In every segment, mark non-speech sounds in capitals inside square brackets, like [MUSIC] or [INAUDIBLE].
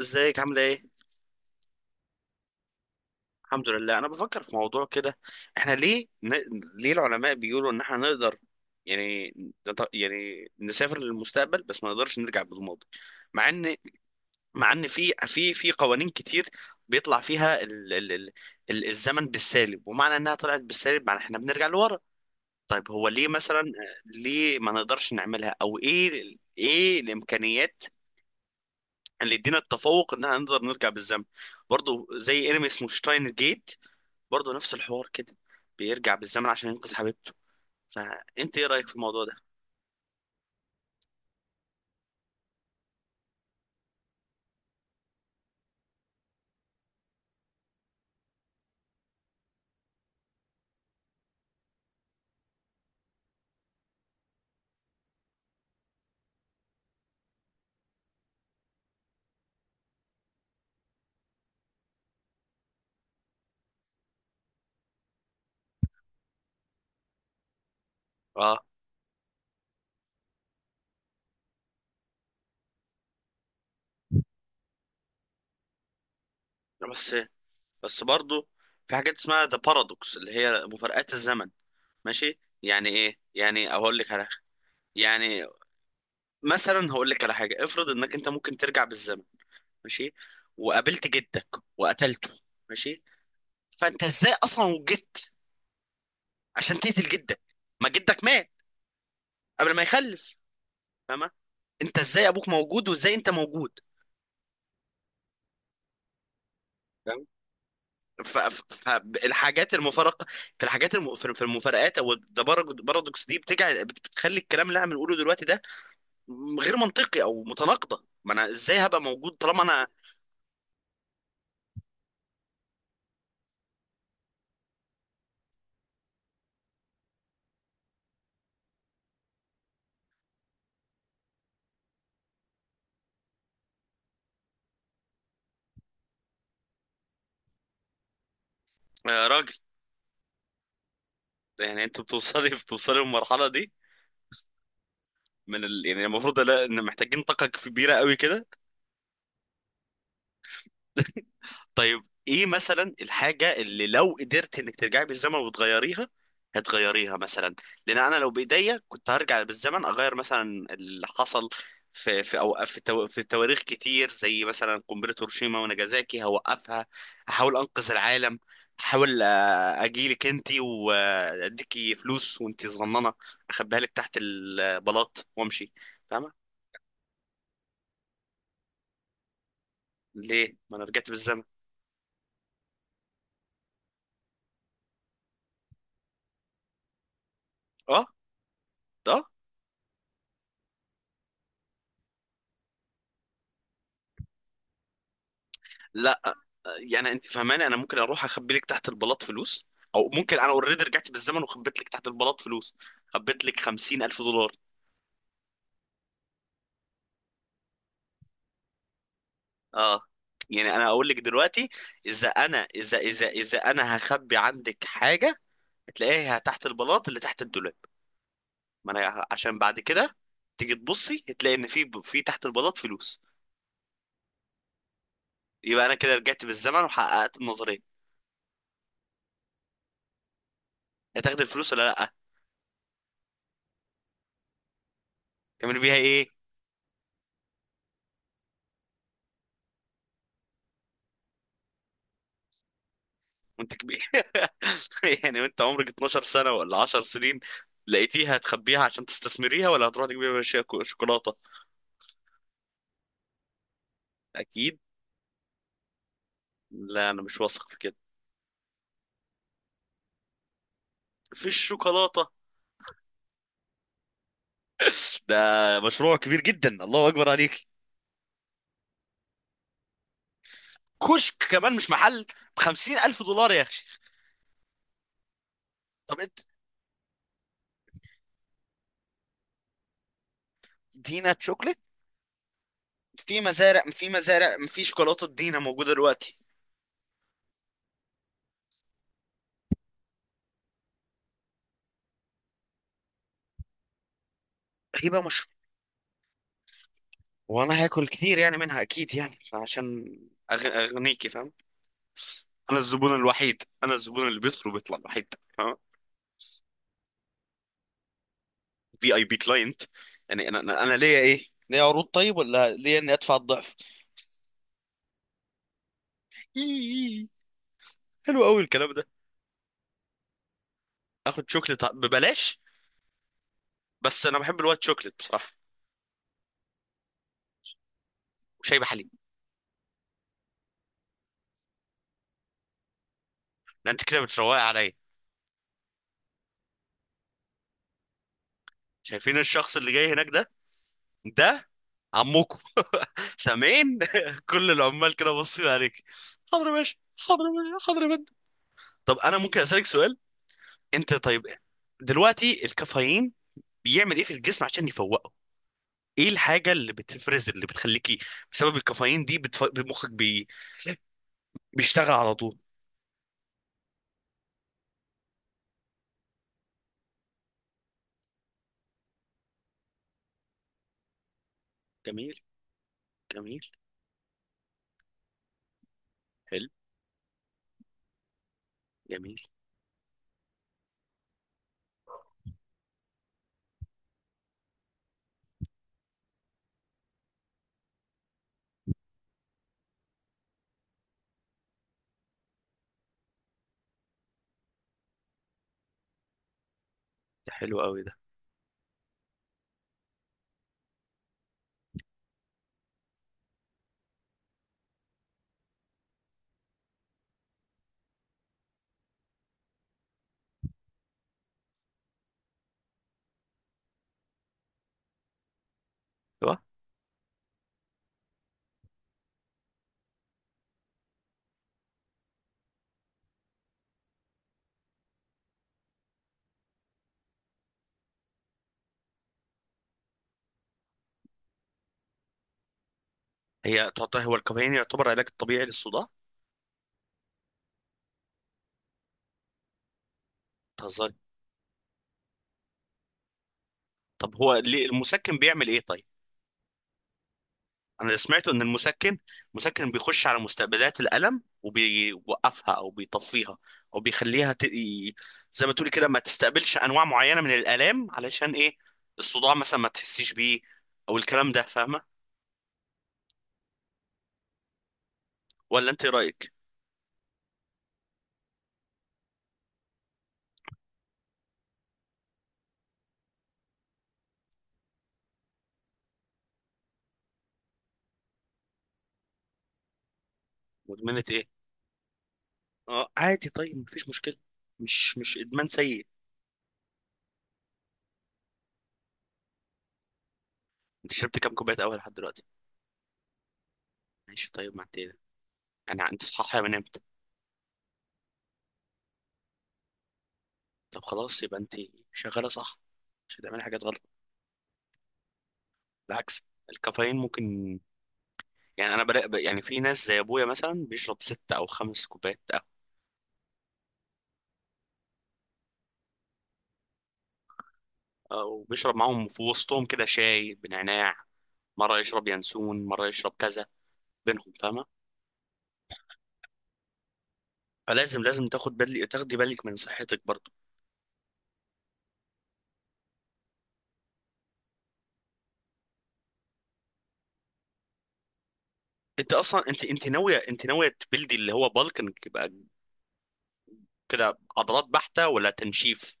ازيك؟ عامله ايه؟ الحمد لله. انا بفكر في موضوع كده. احنا ليه ن... ليه العلماء بيقولوا ان احنا نقدر، يعني، يعني نسافر للمستقبل بس ما نقدرش نرجع بالماضي. مع ان مع ان في قوانين كتير بيطلع فيها الزمن بالسالب، ومعنى انها طلعت بالسالب معنى احنا بنرجع لورا. طيب هو ليه مثلا، ليه ما نقدرش نعملها، او ايه ايه الامكانيات اللي يدينا التفوق ان احنا نقدر نرجع بالزمن؟ برضه زي انمي اسمه شتاين جيت، برضه نفس الحوار كده، بيرجع بالزمن عشان ينقذ حبيبته. فانت ايه رايك في الموضوع ده؟ اه. بس بس برضه في حاجات اسمها ذا بارادوكس اللي هي مفارقات الزمن، ماشي، يعني ايه؟ يعني اقول لك على حاجة. يعني مثلا هقول لك على حاجه: افرض انك انت ممكن ترجع بالزمن، ماشي، وقابلت جدك وقتلته، ماشي. فانت ازاي اصلا وجدت عشان تقتل جدك؟ ما جدك مات قبل ما يخلف. فاهمه؟ انت ازاي ابوك موجود وازاي انت موجود؟ فاهم؟ فالحاجات المفارقه، في في المفارقات، او البارادوكس دي، بتجعل بتخلي الكلام اللي احنا بنقوله دلوقتي ده غير منطقي او متناقضه. ما انا ازاي هبقى موجود طالما انا راجل؟ يعني انت بتوصلي للمرحله دي من يعني المفروض، لا، ان محتاجين طاقه كبيره قوي كده. طيب ايه مثلا الحاجة اللي لو قدرت انك ترجعي بالزمن وتغيريها هتغيريها مثلا؟ لان انا لو بايديا كنت هرجع بالزمن اغير مثلا اللي حصل في في او في تو- في تواريخ كتير، زي مثلا قنبلة هيروشيما وناجازاكي هوقفها، احاول انقذ العالم. احاول، اجيلك انتي واديكي فلوس وانتي صغننة، اخبيها لك تحت البلاط وامشي. فاهمة؟ ليه، ما انا رجعت بالزمن. اه. ده يعني انت فهماني انا ممكن اروح اخبي لك تحت البلاط فلوس، او ممكن انا اوريدي رجعت بالزمن وخبيت لك تحت البلاط فلوس. خبيت لك 50 الف دولار. اه. يعني انا اقول لك دلوقتي: اذا انا اذا اذا اذا انا هخبي عندك حاجه، هتلاقيها تحت البلاط اللي تحت الدولاب. ما انا عشان بعد كده تيجي تبصي هتلاقي ان في تحت البلاط فلوس. يبقى انا كده رجعت بالزمن وحققت النظريه. هتاخد الفلوس ولا لا؟ تعمل بيها ايه؟ وانت كبير. [LAUGHS] يعني وانت عمرك 12 سنة ولا 10 سنين لقيتيها، هتخبيها عشان تستثمريها، ولا هتروح تجيبيها شوكولاتة؟ اكيد. لا، انا مش واثق في كده. في الشوكولاتة. [LAUGHS] ده مشروع كبير جدا، الله اكبر عليك! كشك كمان مش محل، بخمسين الف دولار يا اخي! طب انت، دينا شوكليت، في مزارع في شوكولاته دينا موجوده دلوقتي؟ غريبه، مش؟ وانا هاكل كتير يعني منها اكيد، يعني عشان اغنيكي، فاهم؟ انا الزبون الوحيد، انا الزبون اللي بيدخل وبيطلع الوحيد، في اي بي كلاينت. يعني انا ليا ايه؟ ليا عروض طيب ولا ليا اني ادفع الضعف؟ إيه. حلو قوي الكلام ده. اخد شوكليت ببلاش. بس انا بحب الوايت شوكليت بصراحه، وشاي بحليب. لان انت كده بتروقي عليا. شايفين الشخص اللي جاي هناك ده؟ ده عمكم. [LAUGHS] سامعين؟ [LAUGHS] كل العمال كده باصين عليك. حاضر يا باشا. حاضر يا باشا، حاضر يا باشا. طب انا ممكن اسالك سؤال؟ انت طيب، دلوقتي الكافيين بيعمل ايه في الجسم عشان يفوق؟ ايه الحاجه اللي بتفرز اللي بتخليكي، بسبب الكافيين دي، بيشتغل على طول؟ جميل. جميل. حلو. جميل. ده حلو قوي ده. هو هي تعطيه؟ هو الكافيين يعتبر علاج طبيعي للصداع؟ تهزري. طب هو ليه المسكن بيعمل ايه طيب؟ انا اللي سمعته ان المسكن بيخش على مستقبلات الالم وبيوقفها او بيطفيها، او بيخليها زي ما تقولي كده ما تستقبلش انواع معينه من الالام، علشان ايه؟ الصداع مثلا ما تحسيش بيه، او الكلام ده. فاهمه؟ ولا انت ايه رايك؟ مدمنه ايه؟ اه، عادي طيب، مفيش مشكله. مش ادمان سيء. انت شربت كام كوبايه قهوه لحد دلوقتي؟ ماشي طيب، ما انت ايه ده. انا، انت صحيح من امتى؟ طب خلاص، يبقى انت شغاله صح، مش هتعملي حاجات غلط، بالعكس. الكافيين ممكن، يعني انا بلاقي يعني في ناس زي ابويا مثلا بيشرب ست او خمس كوبايات قهوه، اه، وبيشرب معاهم في وسطهم كده شاي بنعناع، مره يشرب ينسون، مره يشرب كذا، بينهم، فاهمه؟ فلازم، لازم تاخدي بالك من صحتك برضه. انت اصلا، انت ناويه، تبلدي اللي هو بالكنج، يبقى كده عضلات بحته ولا تنشيف؟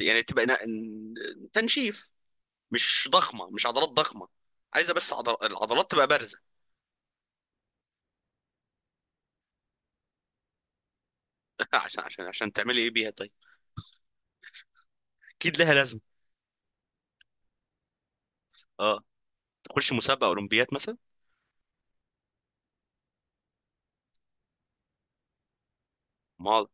يعني تبقى تنشيف، مش ضخمه، مش عضلات ضخمه، عايزه بس العضلات تبقى بارزه. [LAUGHS] عشان تعملي ايه بيها طيب؟ اكيد لها لازمه. اه، تخش مسابقه اولمبيات مثلا. ما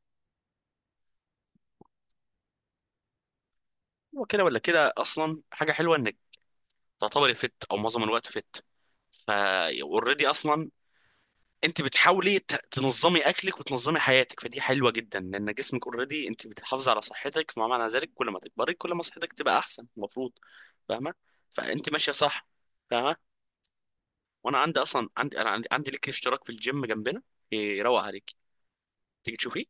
هو كده ولا كده اصلا حاجه حلوه انك تعتبري فت او معظم الوقت فت. فا اوريدي اصلا انت بتحاولي تنظمي اكلك وتنظمي حياتك، فدي حلوه جدا، لان جسمك اوريدي. انت بتحافظي على صحتك، فما معنى ذلك كل ما تكبري كل ما صحتك تبقى احسن، المفروض. فاهمه؟ فانت ماشيه صح. فاهمه؟ وانا عندي اصلا عندي لك اشتراك في الجيم جنبنا، يروق عليك، تيجي تشوفيه.